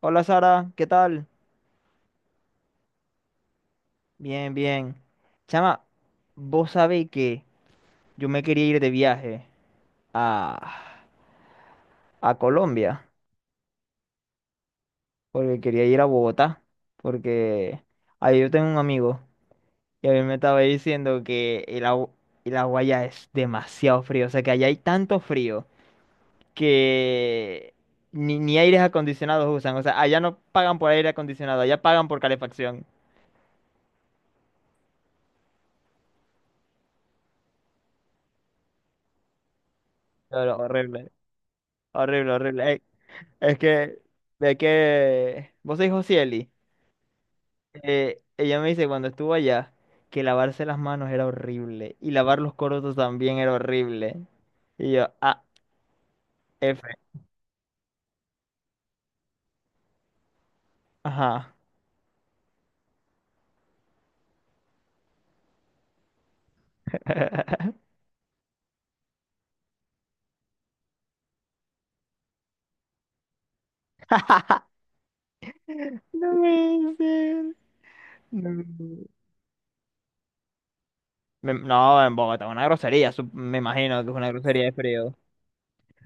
Hola Sara, ¿qué tal? Bien, bien. Chama, vos sabés que yo me quería ir de viaje a, a Colombia, porque quería ir a Bogotá, porque ahí yo tengo un amigo y a mí me estaba diciendo que el agua allá es demasiado frío, o sea que allá hay tanto frío que ni aires acondicionados usan, o sea, allá no pagan por aire acondicionado, allá pagan por calefacción. Pero horrible, horrible, horrible. Es que, vos sois Josieli, ella me dice cuando estuvo allá que lavarse las manos era horrible y lavar los corotos también era horrible. Y yo, ah, F, ajá. No puede ser. No. No, en Bogotá, es una grosería, me imagino que es una grosería de frío.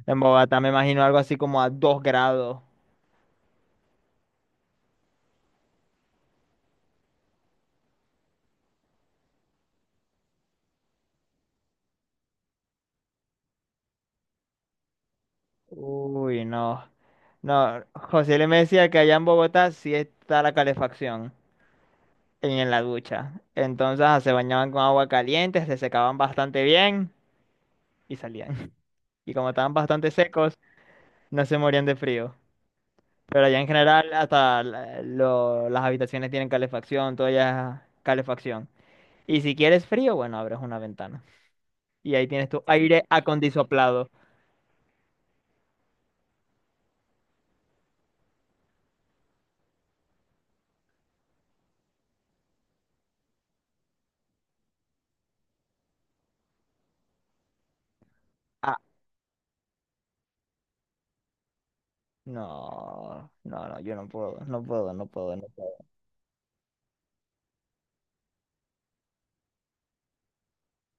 En Bogotá me imagino algo así como a 2 grados. Uy, no. No, José le me decía que allá en Bogotá sí está la calefacción en la ducha. Entonces se bañaban con agua caliente, se secaban bastante bien y salían. Y como estaban bastante secos, no se morían de frío. Pero allá en general hasta las habitaciones tienen calefacción, todo ya es calefacción. Y si quieres frío, bueno, abres una ventana. Y ahí tienes tu aire acondisoplado. Ah, no, no, no, yo no puedo, no puedo, no puedo, no puedo.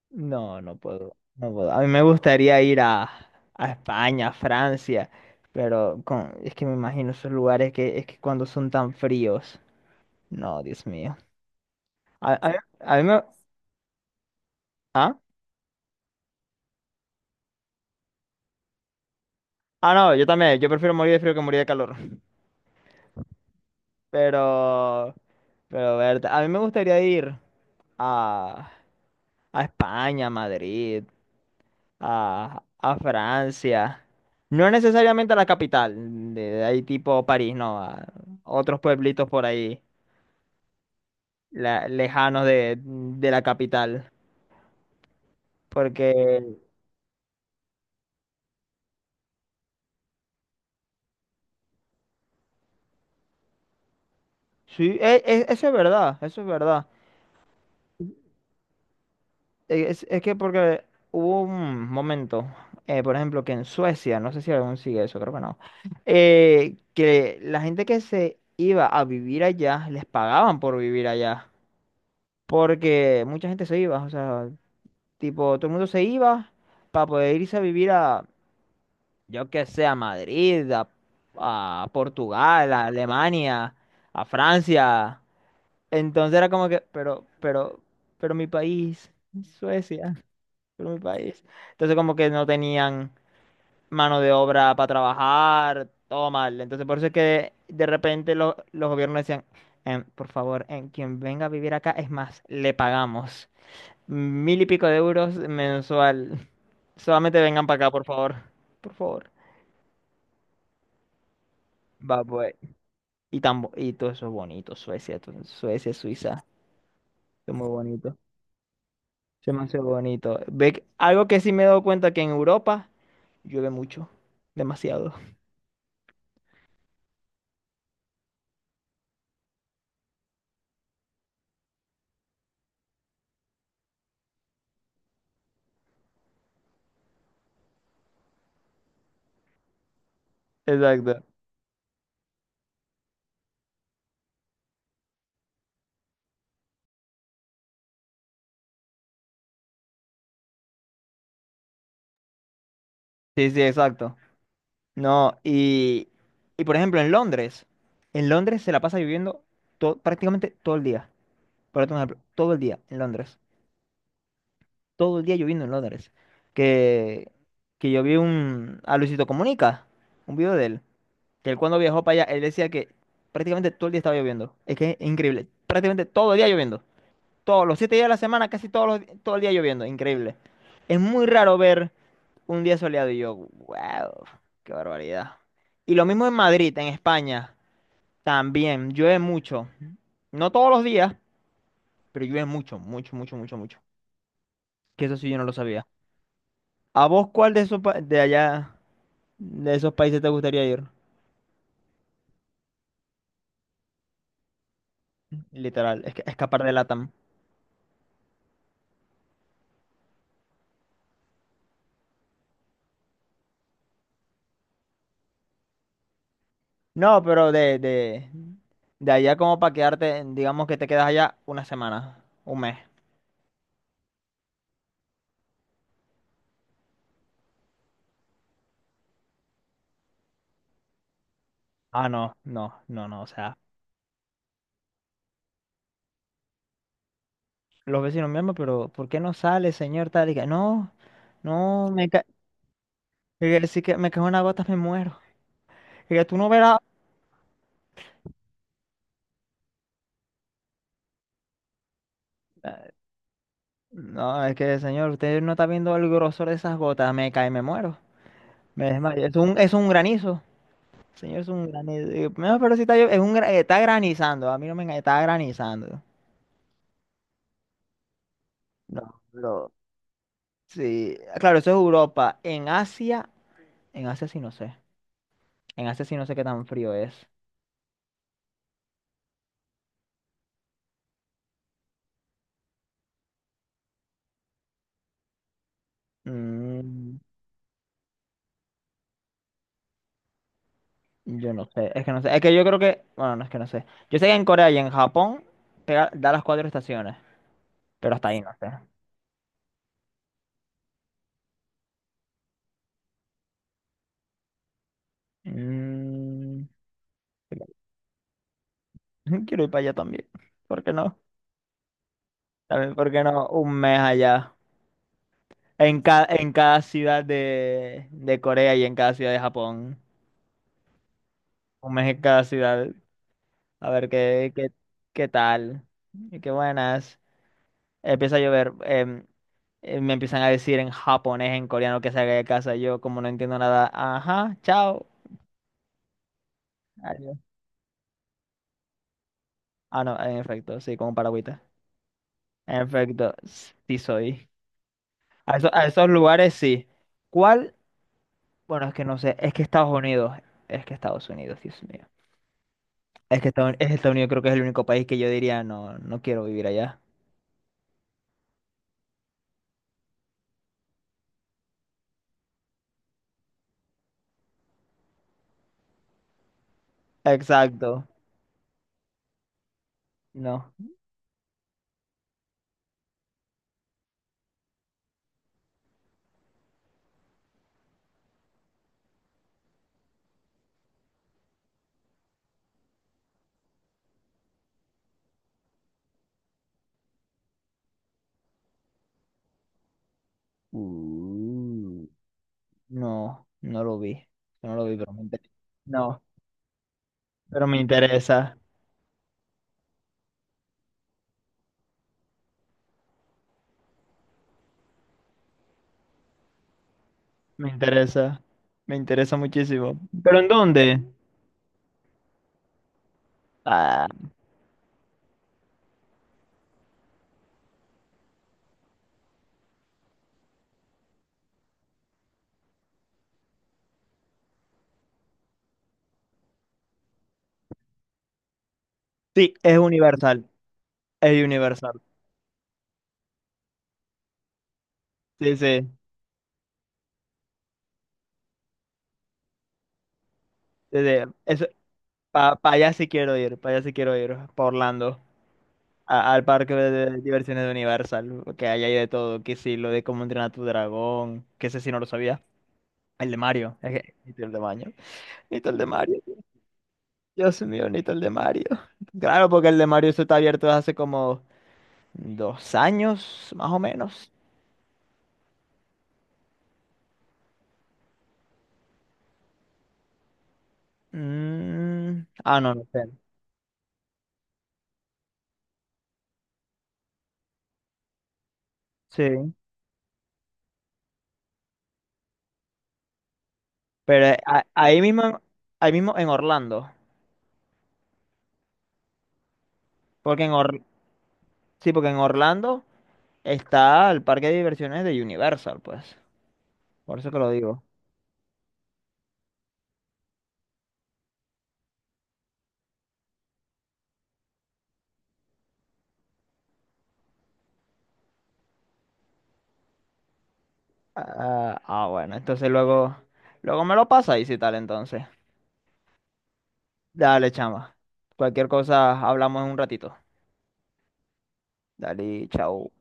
No, no puedo, no puedo. A mí me gustaría ir a España, a Francia, pero es que me imagino esos lugares que es que cuando son tan fríos. No, Dios mío. A, a mí a mí me... ¿Ah? Ah, no, yo también. Yo prefiero morir de frío que morir de calor. Pero... Pero, verte, a mí me gustaría ir a, a España, a Madrid, a Francia. No necesariamente a la capital, de ahí tipo París, no, a otros pueblitos por ahí lejanos de la capital. Porque sí, eso es verdad, eso es verdad. Es que porque hubo un momento, por ejemplo, que en Suecia, no sé si aún sigue eso, creo que no, que la gente que se iba a vivir allá, les pagaban por vivir allá. Porque mucha gente se iba, o sea, tipo, todo el mundo se iba para poder irse a vivir a, yo que sé, a Madrid, a Portugal, a Alemania, a Francia. Entonces era como que, pero mi país, Suecia, pero mi país. Entonces como que no tenían mano de obra para trabajar, todo mal. Entonces por eso es que de repente los gobiernos decían, "Por favor, en quien venga a vivir acá, es más, le pagamos mil y pico de euros mensual. Solamente vengan para acá, por favor. Por favor. Va, pues. Y todo eso es bonito, Suecia, Suecia, Suiza, es muy bonito. Se me hace bonito. Ve, algo que sí me he dado cuenta que en Europa llueve mucho, demasiado. Exacto. Sí, sí, exacto. No, y por ejemplo en Londres se la pasa lloviendo prácticamente todo el día. Por otro ejemplo, todo el día en Londres. Todo el día lloviendo en Londres. Que, que yo vi a Luisito Comunica, un video de él, que él cuando viajó para allá, él decía que prácticamente todo el día estaba lloviendo. Es que es increíble. Prácticamente todo el día lloviendo. Todos los 7 días de la semana, casi todos todo el día lloviendo. Increíble. Es muy raro ver un día soleado y yo, wow, qué barbaridad. Y lo mismo en Madrid, en España, también llueve mucho. No todos los días, pero llueve mucho, mucho, mucho, mucho, mucho. Que eso sí yo no lo sabía. ¿A vos cuál de esos de allá, de esos países te gustaría ir? Literal, escapar de LATAM. No, pero de allá como para quedarte, digamos que te quedas allá una semana, un mes. Ah, no, no, no, no, o sea, los vecinos mismos, pero ¿por qué no sale, señor tal? Y que, no, no, me ca y que, si que me cae una gota me muero. Y que tú no verás. Eh, No, es que, señor, usted no está viendo el grosor de esas gotas, me cae, me muero. Me desmayo. Es un granizo. Señor, es un granizo. Y yo, no, pero si está, es un, está granizando, a mí no me engañe, está granizando. No, pero, sí, claro, eso es Europa. En Asia sí no sé. En Asia sí no sé qué tan frío es. Mm, yo no sé, es que no sé. Es que yo creo que, bueno, no es que no sé. Yo sé que en Corea y en Japón da las cuatro estaciones, pero hasta ahí no sé. Mm, quiero ir para allá también. ¿Por qué no? También, ¿por qué no? Un mes allá. En cada ciudad de Corea y en cada ciudad de Japón. Un mes en cada ciudad. A ver qué tal. Y qué buenas. Empieza a llover. Me empiezan a decir en japonés, en coreano, que salga de casa. Yo, como no entiendo nada, ajá, chao. Adiós. Ah, no, en efecto, sí, como paragüita. En efecto, sí soy. A esos lugares sí. ¿Cuál? Bueno, es que no sé. Es que Estados Unidos. Es que Estados Unidos, Dios mío. Es Estados Unidos creo que es el único país que yo diría, no, no quiero vivir allá. Exacto. No. Uh. No, no lo vi. No lo vi, pero me enteré. No. Pero me interesa, me interesa, me interesa muchísimo. ¿Pero en dónde? Ah, sí, es Universal, es Universal. Sí, sí, sí, sí. Eso, para allá sí quiero ir, para allá sí quiero ir, para Orlando, al parque de diversiones de Universal, que ahí hay de todo, que sí, lo de cómo entrenar a tu dragón, que ese sí no lo sabía. El de Mario, es que, necesito el de Mario, necesito el de Mario, Dios mío, necesito el de Mario. Claro, porque el de Mario se está abierto hace como 2 años, más o menos. Ah, no, no sé. Sí. Pero ahí mismo en Orlando. Porque en Or- sí, porque en Orlando está el parque de diversiones de Universal, pues. Por eso que lo digo. Ah, ah, bueno, entonces luego, luego me lo pasa y si tal, entonces. Dale, chama. Cualquier cosa hablamos en un ratito. Dale, chao.